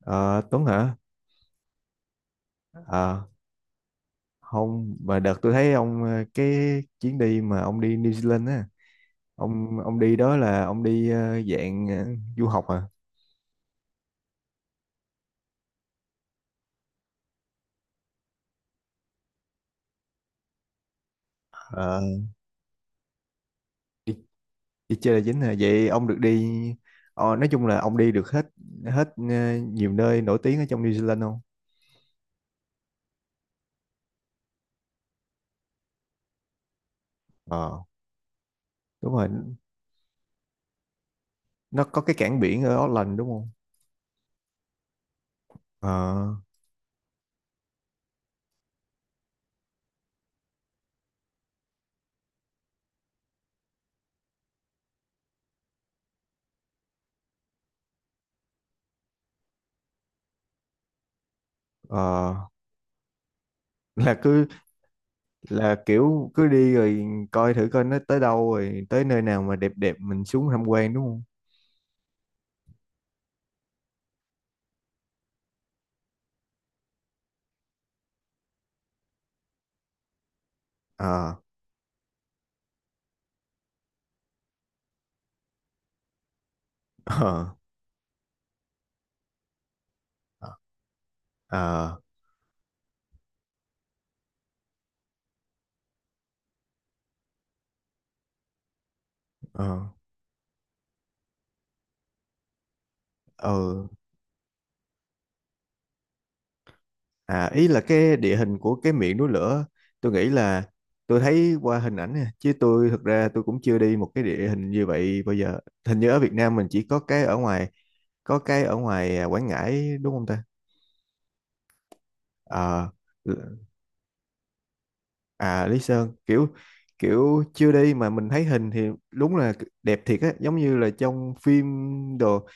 Ờ, Tuấn hả? Ờ, không, mà đợt tôi thấy ông cái chuyến đi mà ông đi New Zealand á, ông đi đó là ông đi dạng du học à? Ờ, đi, đi chơi là chính hả? Vậy ông được đi, nói chung là ông đi được hết hết nhiều nơi nổi tiếng ở trong New Zealand không? Ờ, đúng rồi, nó có cái cảng biển ở Auckland đúng không? Ờ, ờ, là cứ là kiểu cứ đi rồi coi thử coi nó tới đâu rồi tới nơi nào mà đẹp đẹp mình xuống tham quan đúng không? Ờ. Ờ. Ờ. Ờ. Ờ. Ờ. À, ý là cái địa hình của cái miệng núi lửa. Tôi nghĩ là tôi thấy qua hình ảnh nè chứ tôi thực ra tôi cũng chưa đi một cái địa hình như vậy bao giờ. Hình như ở Việt Nam mình chỉ có cái ở ngoài à, Quảng Ngãi đúng không ta? Ờ. À, Lý Sơn kiểu, chưa đi mà mình thấy hình thì đúng là đẹp thiệt á, giống như là trong phim đồ.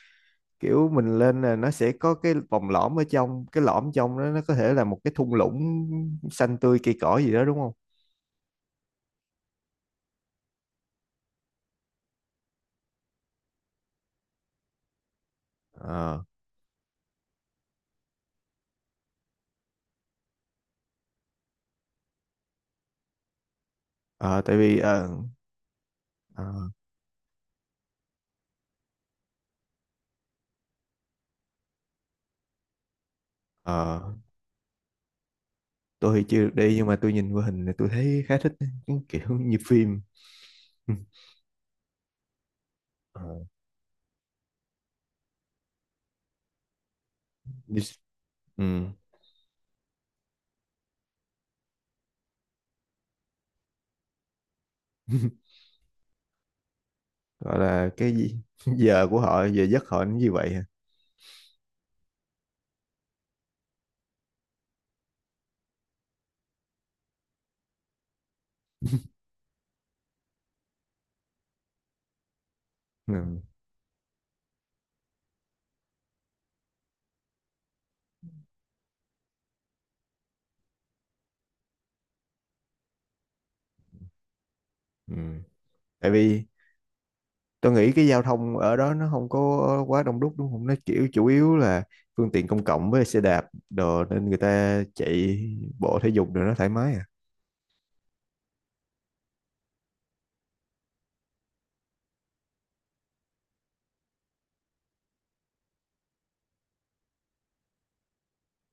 Kiểu mình lên là nó sẽ có cái vòng lõm, ở trong cái lõm trong đó nó có thể là một cái thung lũng xanh tươi cây cỏ gì đó đúng không? Ờ. Ờ, tại vì ờ, ờ, tôi thì chưa được đi nhưng mà tôi nhìn qua hình thì tôi thấy khá thích cái kiểu như phim. Ừ. Ờ. như- ừ. Gọi là cái gì? Giờ giấc họ nó như vậy hả? Ừ. Ừ. Tại vì tôi nghĩ cái giao thông ở đó nó không có quá đông đúc đúng không, nó kiểu chủ yếu là phương tiện công cộng với xe đạp đồ, nên người ta chạy bộ thể dục rồi nó thoải mái à.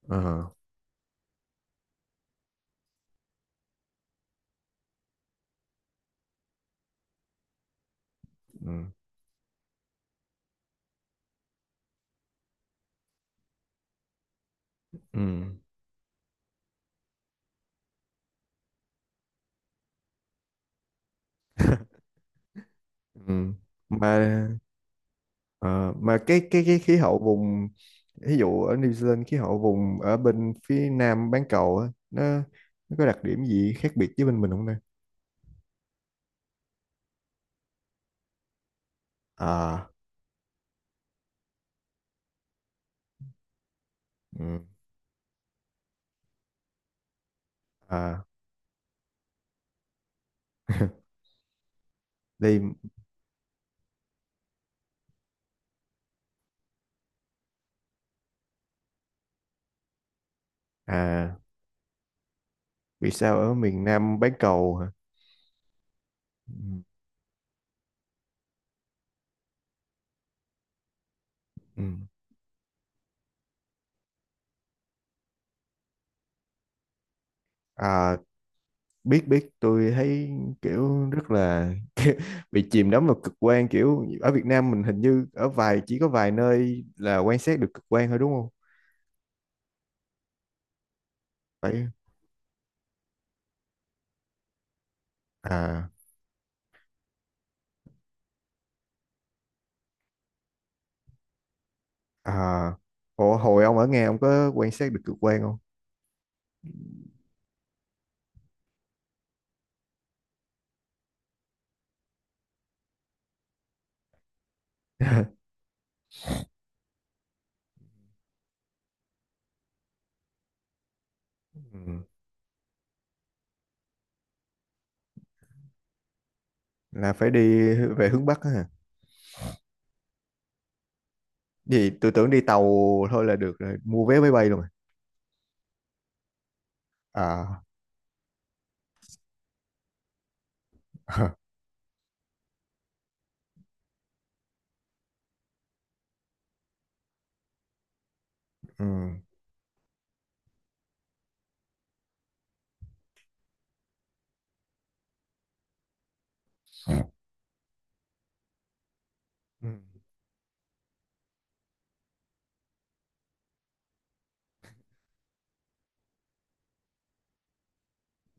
Ờ. Ừ. Ừ. Ừ. mà ờ, mà cái khí hậu vùng, ví dụ ở New Zealand khí hậu vùng ở bên phía nam bán cầu á, nó có đặc điểm gì khác biệt với bên mình không đây? À. Ừ. À. Đây. À. Vì sao ở miền nam bán cầu hả? Ừ. Ừ. À, biết biết, tôi thấy kiểu rất là bị chìm đắm vào cực quan. Kiểu ở Việt Nam mình hình như ở vài chỉ có vài nơi là quan sát được cực quan thôi đúng không? Phải. À. À. Ủa, hồi ông ở Nga ông có quan sát được cực quan không? Ừ, là phải đi về hướng Bắc á hả? Gì, tôi tưởng đi tàu thôi là được rồi, mua vé máy bay luôn rồi à? Ừ. Ừ,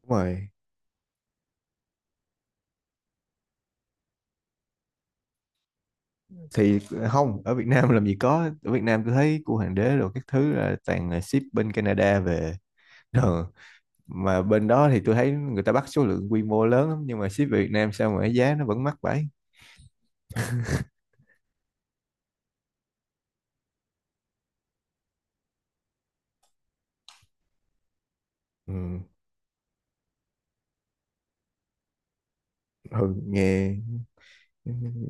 đúng rồi. Thì không, ở Việt Nam làm gì có, ở Việt Nam tôi thấy cua hoàng đế rồi các thứ là toàn là ship bên Canada về. Ừ. Mà bên đó thì tôi thấy người ta bắt số lượng quy mô lớn lắm nhưng mà ship về Việt Nam sao mà cái giá nó vẫn mắc vậy? Ừ. Ừ, nghe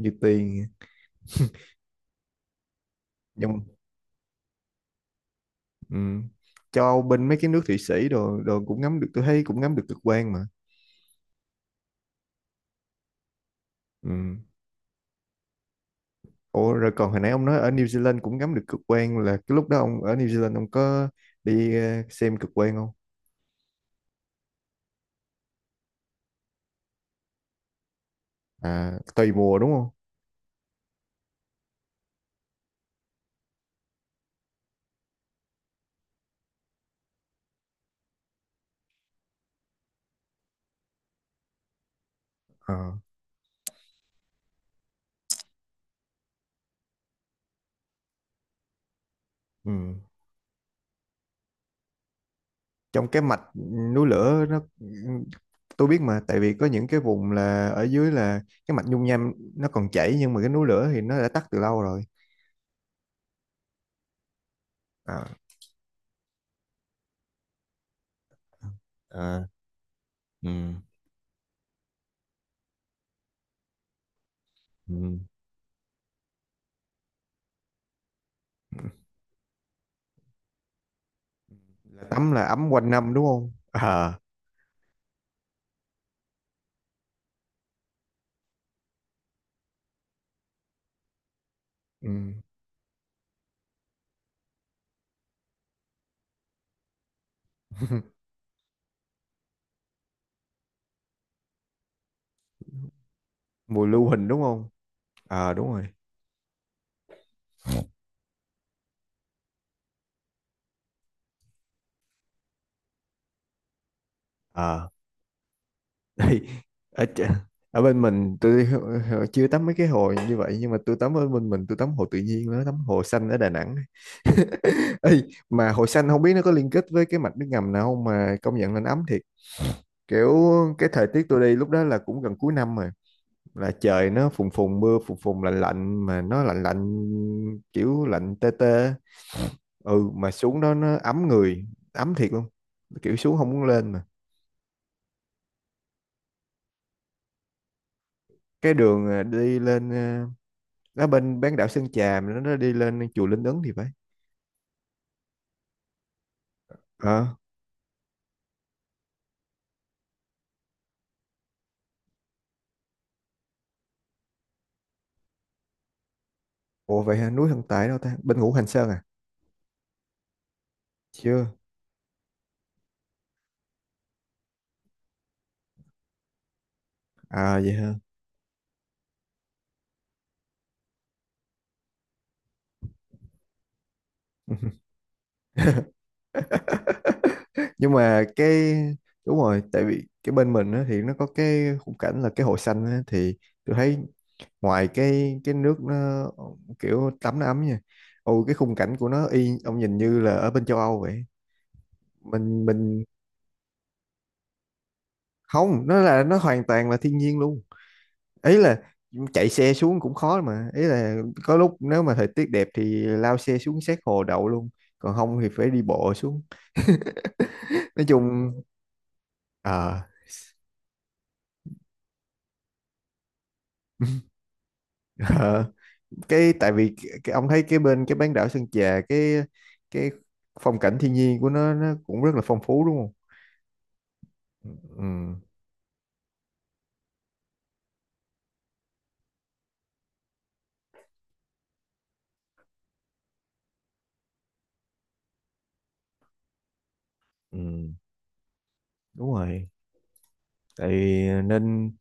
như tiền nhưng. Ừ. Cho bên mấy cái nước Thụy Sĩ đồ đồ cũng ngắm được, tôi thấy cũng ngắm được cực quang mà. Ừ. Ủa rồi còn hồi nãy ông nói ở New Zealand cũng ngắm được cực quang, là cái lúc đó ông ở New Zealand ông có đi xem cực quang không? À, tùy mùa đúng không? Ờ. Ừ. trong cái mạch núi lửa nó Tôi biết mà, tại vì có những cái vùng là ở dưới là cái mạch dung nham nó còn chảy nhưng mà cái núi lửa thì nó đã tắt từ lâu rồi. À. À. Ừ. Ừ. Là tắm là ấm quanh năm đúng không à? Ừ. Mùa lưu huỳnh đúng không? À, đúng rồi. À. Đây. ở, ch- Ở bên mình tôi chưa tắm mấy cái hồ như vậy, nhưng mà tôi tắm ở bên mình, tôi tắm hồ tự nhiên đó, tắm hồ xanh ở Đà Nẵng. Ê, mà hồi xanh không biết nó có liên kết với cái mạch nước ngầm nào không mà công nhận là nó ấm thiệt. Kiểu cái thời tiết tôi đi lúc đó là cũng gần cuối năm rồi, là trời nó phùn phùn, mưa phùn phùn lạnh lạnh, mà nó lạnh lạnh kiểu lạnh tê tê. Ừ, mà xuống đó nó ấm người, ấm thiệt luôn, kiểu xuống không muốn lên mà. Cái đường à, đi lên à, nó bên bán đảo Sơn Trà, mà nó đi lên chùa Linh Ứng thì phải. Ờ. Ủa vậy hả? Núi Hân Tài đâu ta, bên Ngũ Hành Sơn à? Chưa. À vậy hả? Ừ. Nhưng mà cái, đúng rồi, tại vì cái bên mình á, thì nó có cái khung cảnh là cái hồ xanh á, thì tôi thấy ngoài cái nước nó kiểu tắm nó ấm nha, ồ cái khung cảnh của nó y ông nhìn như là ở bên châu Âu vậy. Mình không, nó là nó hoàn toàn là thiên nhiên luôn. Ý là chạy xe xuống cũng khó mà, ý là có lúc nếu mà thời tiết đẹp thì lao xe xuống sát hồ đậu luôn, còn không thì phải đi bộ xuống. Nói chung ờ cái tại vì cái ông thấy cái bên cái bán đảo Sơn Trà, cái phong cảnh thiên nhiên của nó cũng rất là phong phú đúng không? Ừ, ừ, đúng rồi. Tại vì nên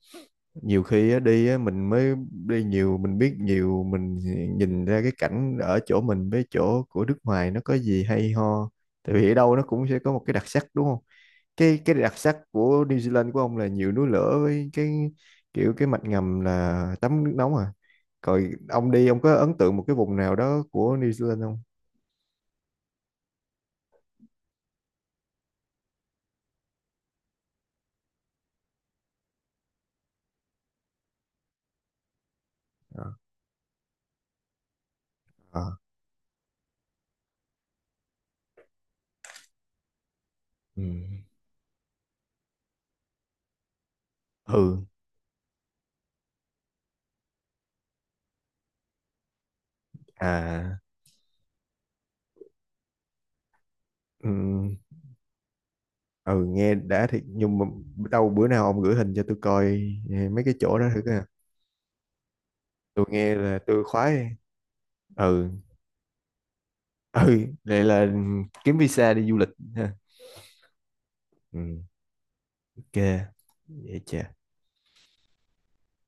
nhiều khi á, đi á, mình mới đi nhiều mình biết nhiều mình nhìn ra cái cảnh ở chỗ mình với chỗ của nước ngoài nó có gì hay ho. Tại vì ở đâu nó cũng sẽ có một cái đặc sắc đúng không? Cái đặc sắc của New Zealand của ông là nhiều núi lửa với cái kiểu cái mạch ngầm là tắm nước nóng à. Rồi ông đi ông có ấn tượng một cái vùng nào đó của New Zealand không? Ờ. Ờ. Ừ. Ừ. À. Ừ. Ừ, nghe đã thiệt nhưng mà đâu bữa nào ông gửi hình cho tôi coi, eh, mấy cái chỗ đó thử coi, tôi nghe là tôi khoái. Ừ. Ừ, vậy là kiếm visa đi du lịch ha. Ừ, ok, vậy chà.